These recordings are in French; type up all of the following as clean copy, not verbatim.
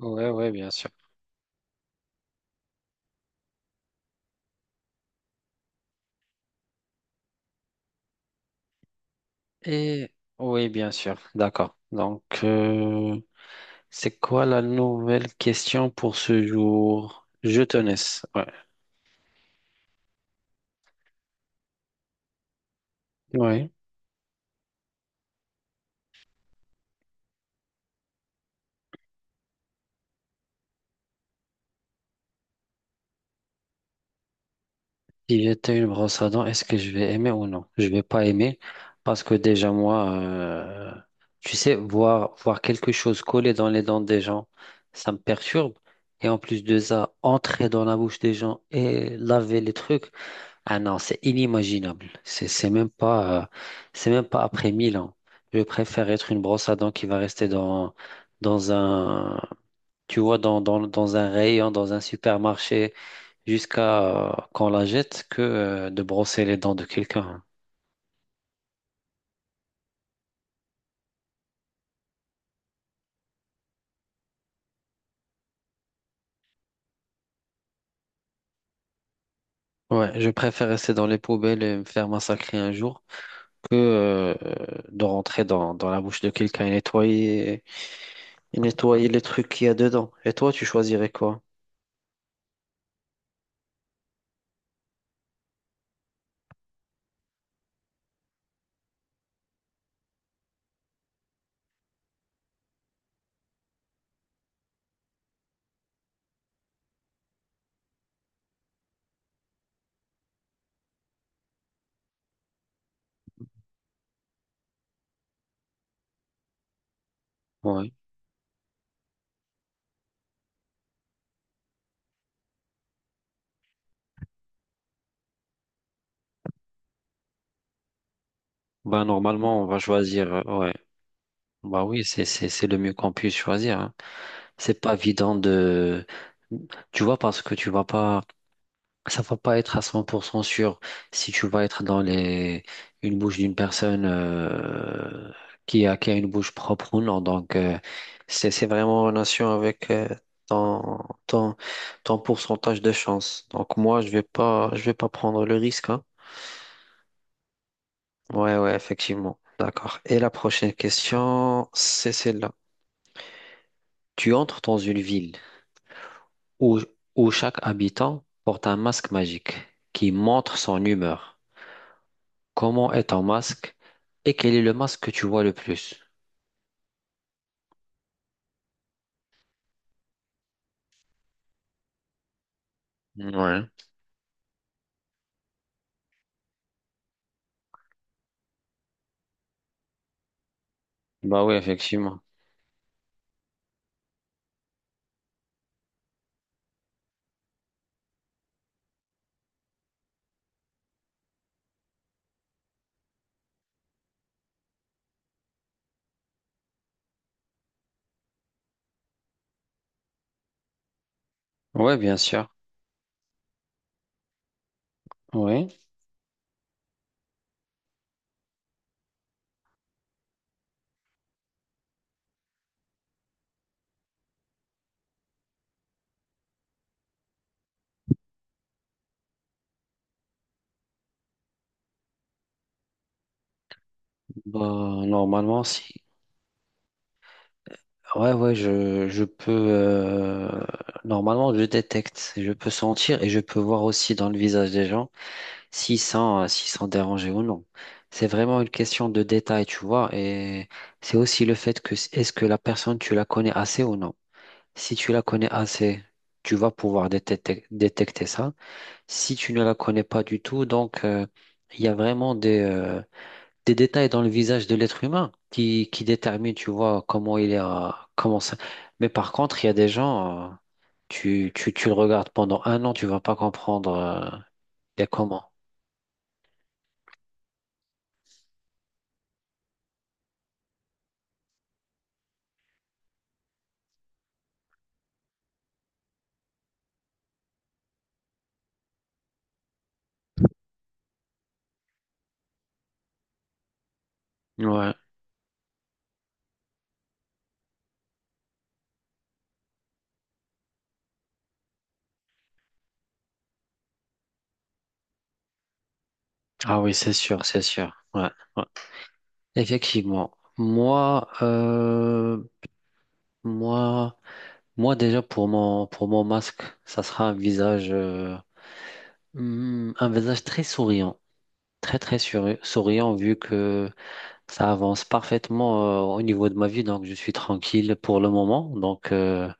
Ouais, ouais, bien sûr. Et oui, bien sûr. D'accord. Donc, c'est quoi la nouvelle question pour ce jour? Je te laisse. Ouais. Ouais. Si j'étais une brosse à dents, est-ce que je vais aimer ou non? Je vais pas aimer parce que déjà moi, tu sais, voir quelque chose coller dans les dents des gens, ça me perturbe. Et en plus de ça, entrer dans la bouche des gens et laver les trucs. Ah non, c'est inimaginable. C'est même pas, c'est même pas après 1000 ans. Je préfère être une brosse à dents qui va rester dans, dans un, tu vois, dans, dans, dans un rayon, dans un supermarché, jusqu'à qu'on la jette, que de brosser les dents de quelqu'un. Ouais, je préfère rester dans les poubelles et me faire massacrer un jour que de rentrer dans la bouche de quelqu'un et nettoyer les trucs qu'il y a dedans. Et toi, tu choisirais quoi? Bah, normalement, on va choisir. Ouais. Bah oui, c'est le mieux qu'on puisse choisir, hein. C'est pas évident de. Tu vois, parce que tu vas pas. Ça va pas être à 100% sûr si tu vas être dans les une bouche d'une personne qui a une bouche propre ou non. Donc, c'est vraiment en relation avec ton, ton, ton pourcentage de chance. Donc, moi, je vais pas prendre le risque, hein. Ouais, ouais, effectivement. D'accord. Et la prochaine question, c'est celle-là. Tu entres dans une ville où, où chaque habitant porte un masque magique qui montre son humeur. Comment est ton masque et quel est le masque que tu vois le plus? Ouais. Bah oui, effectivement. Ouais, bien sûr. Ouais. Bah, normalement, si. Ouais, ouais, je peux. Normalement, je détecte. Je peux sentir et je peux voir aussi dans le visage des gens. S'ils sont dérangés ou non. C'est vraiment une question de détail, tu vois, et c'est aussi le fait que est-ce que la personne, tu la connais assez ou non. Si tu la connais assez, tu vas pouvoir détecter ça. Si tu ne la connais pas du tout, donc il y a vraiment des détails dans le visage de l'être humain qui déterminent, tu vois, comment il est, comment ça. Mais par contre, il y a des gens, tu le regardes pendant un an, tu vas pas comprendre, il est comment. Ouais. Ah oui, c'est sûr, c'est sûr. Ouais, ouais. Effectivement. Moi, moi déjà pour mon masque, ça sera un visage un visage très souriant, très très souriant vu que ça avance parfaitement au niveau de ma vie, donc je suis tranquille pour le moment. Donc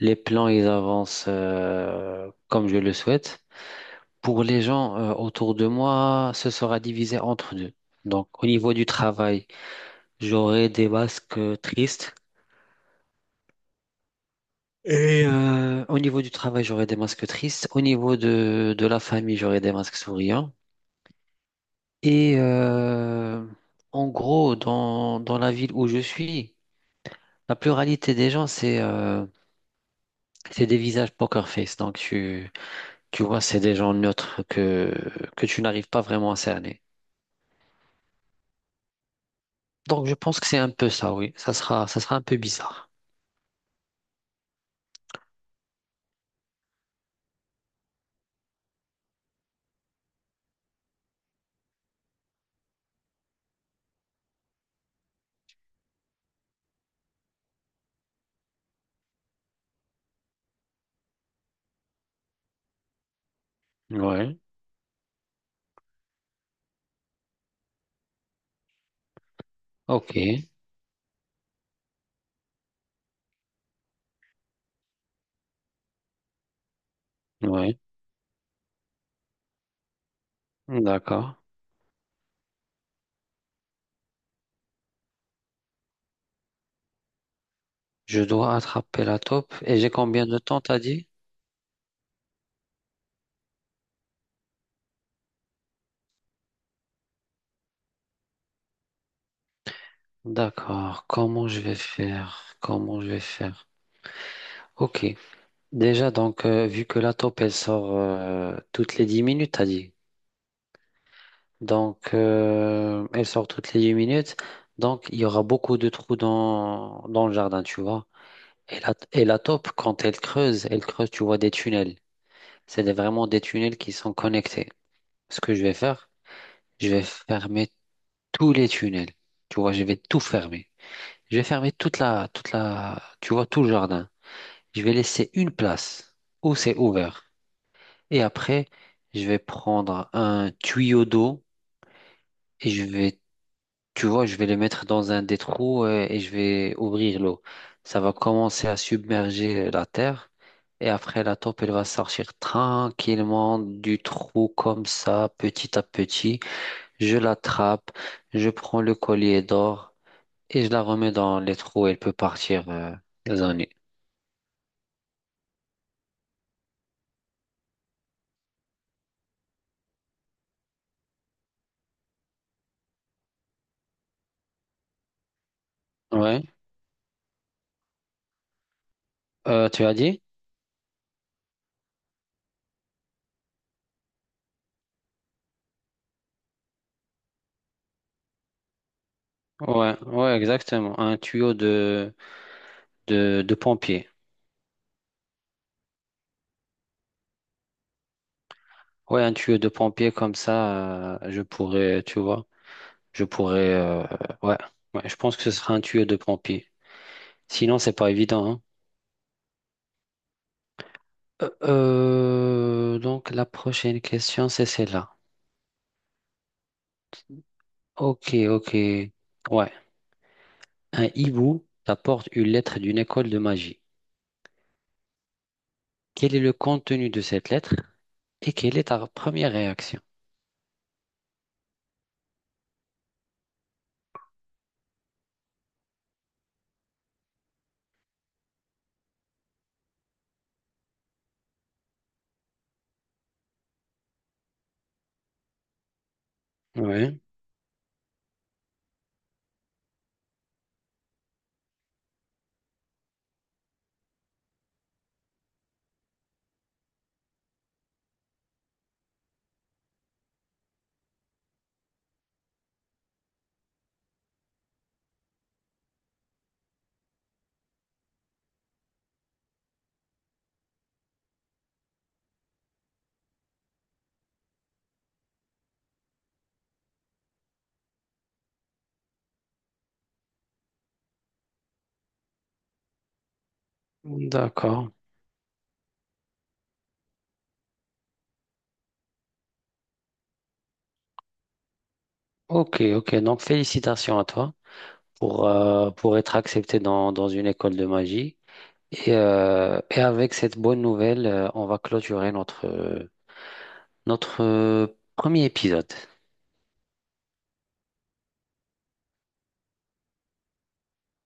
les plans ils avancent comme je le souhaite. Pour les gens autour de moi, ce sera divisé entre deux. Donc au niveau du travail. J'aurai des masques tristes. Et au niveau du travail, j'aurai des masques tristes. Au niveau de la famille, j'aurai des masques souriants. Et en gros, dans la ville où je suis, la pluralité des gens, c'est des visages poker face. Donc, tu vois, c'est des gens neutres que tu n'arrives pas vraiment à cerner. Donc, je pense que c'est un peu ça, oui. Ça sera un peu bizarre. Ouais. Ok. Ouais. D'accord. Je dois attraper la taupe. Et j'ai combien de temps, t'as dit? D'accord. Comment je vais faire? Comment je vais faire? Ok. Déjà, donc, vu que la taupe, elle sort toutes les 10 minutes, t'as dit. Donc, elle sort toutes les 10 minutes. Donc, il y aura beaucoup de trous dans le jardin, tu vois. Et la taupe, quand elle creuse, tu vois, des tunnels. C'est vraiment des tunnels qui sont connectés. Ce que je vais faire, je vais fermer tous les tunnels. Tu vois, je vais tout fermer. Je vais fermer toute la, tu vois, tout le jardin. Je vais laisser une place où c'est ouvert. Et après, je vais prendre un tuyau d'eau et je vais, tu vois, je vais le mettre dans un des trous et je vais ouvrir l'eau. Ça va commencer à submerger la terre. Et après, la taupe, elle va sortir tranquillement du trou comme ça, petit à petit. Je l'attrape, je prends le collier d'or et je la remets dans les trous. Elle peut partir, dans. Ouais. Tu as dit? Ouais, ouais, exactement. Un tuyau de pompier. Ouais, un tuyau de pompier comme ça, je pourrais, tu vois, je pourrais, ouais, ouais, je pense que ce sera un tuyau de pompier. Sinon, c'est pas évident, hein. Donc, la prochaine question, c'est celle-là. Ok, ok. Ouais. Un hibou t'apporte une lettre d'une école de magie. Quel est le contenu de cette lettre et quelle est ta première réaction? Ouais, d'accord. Ok, ok. Donc, félicitations à toi pour être accepté dans une école de magie. Et avec cette bonne nouvelle, on va clôturer notre premier épisode.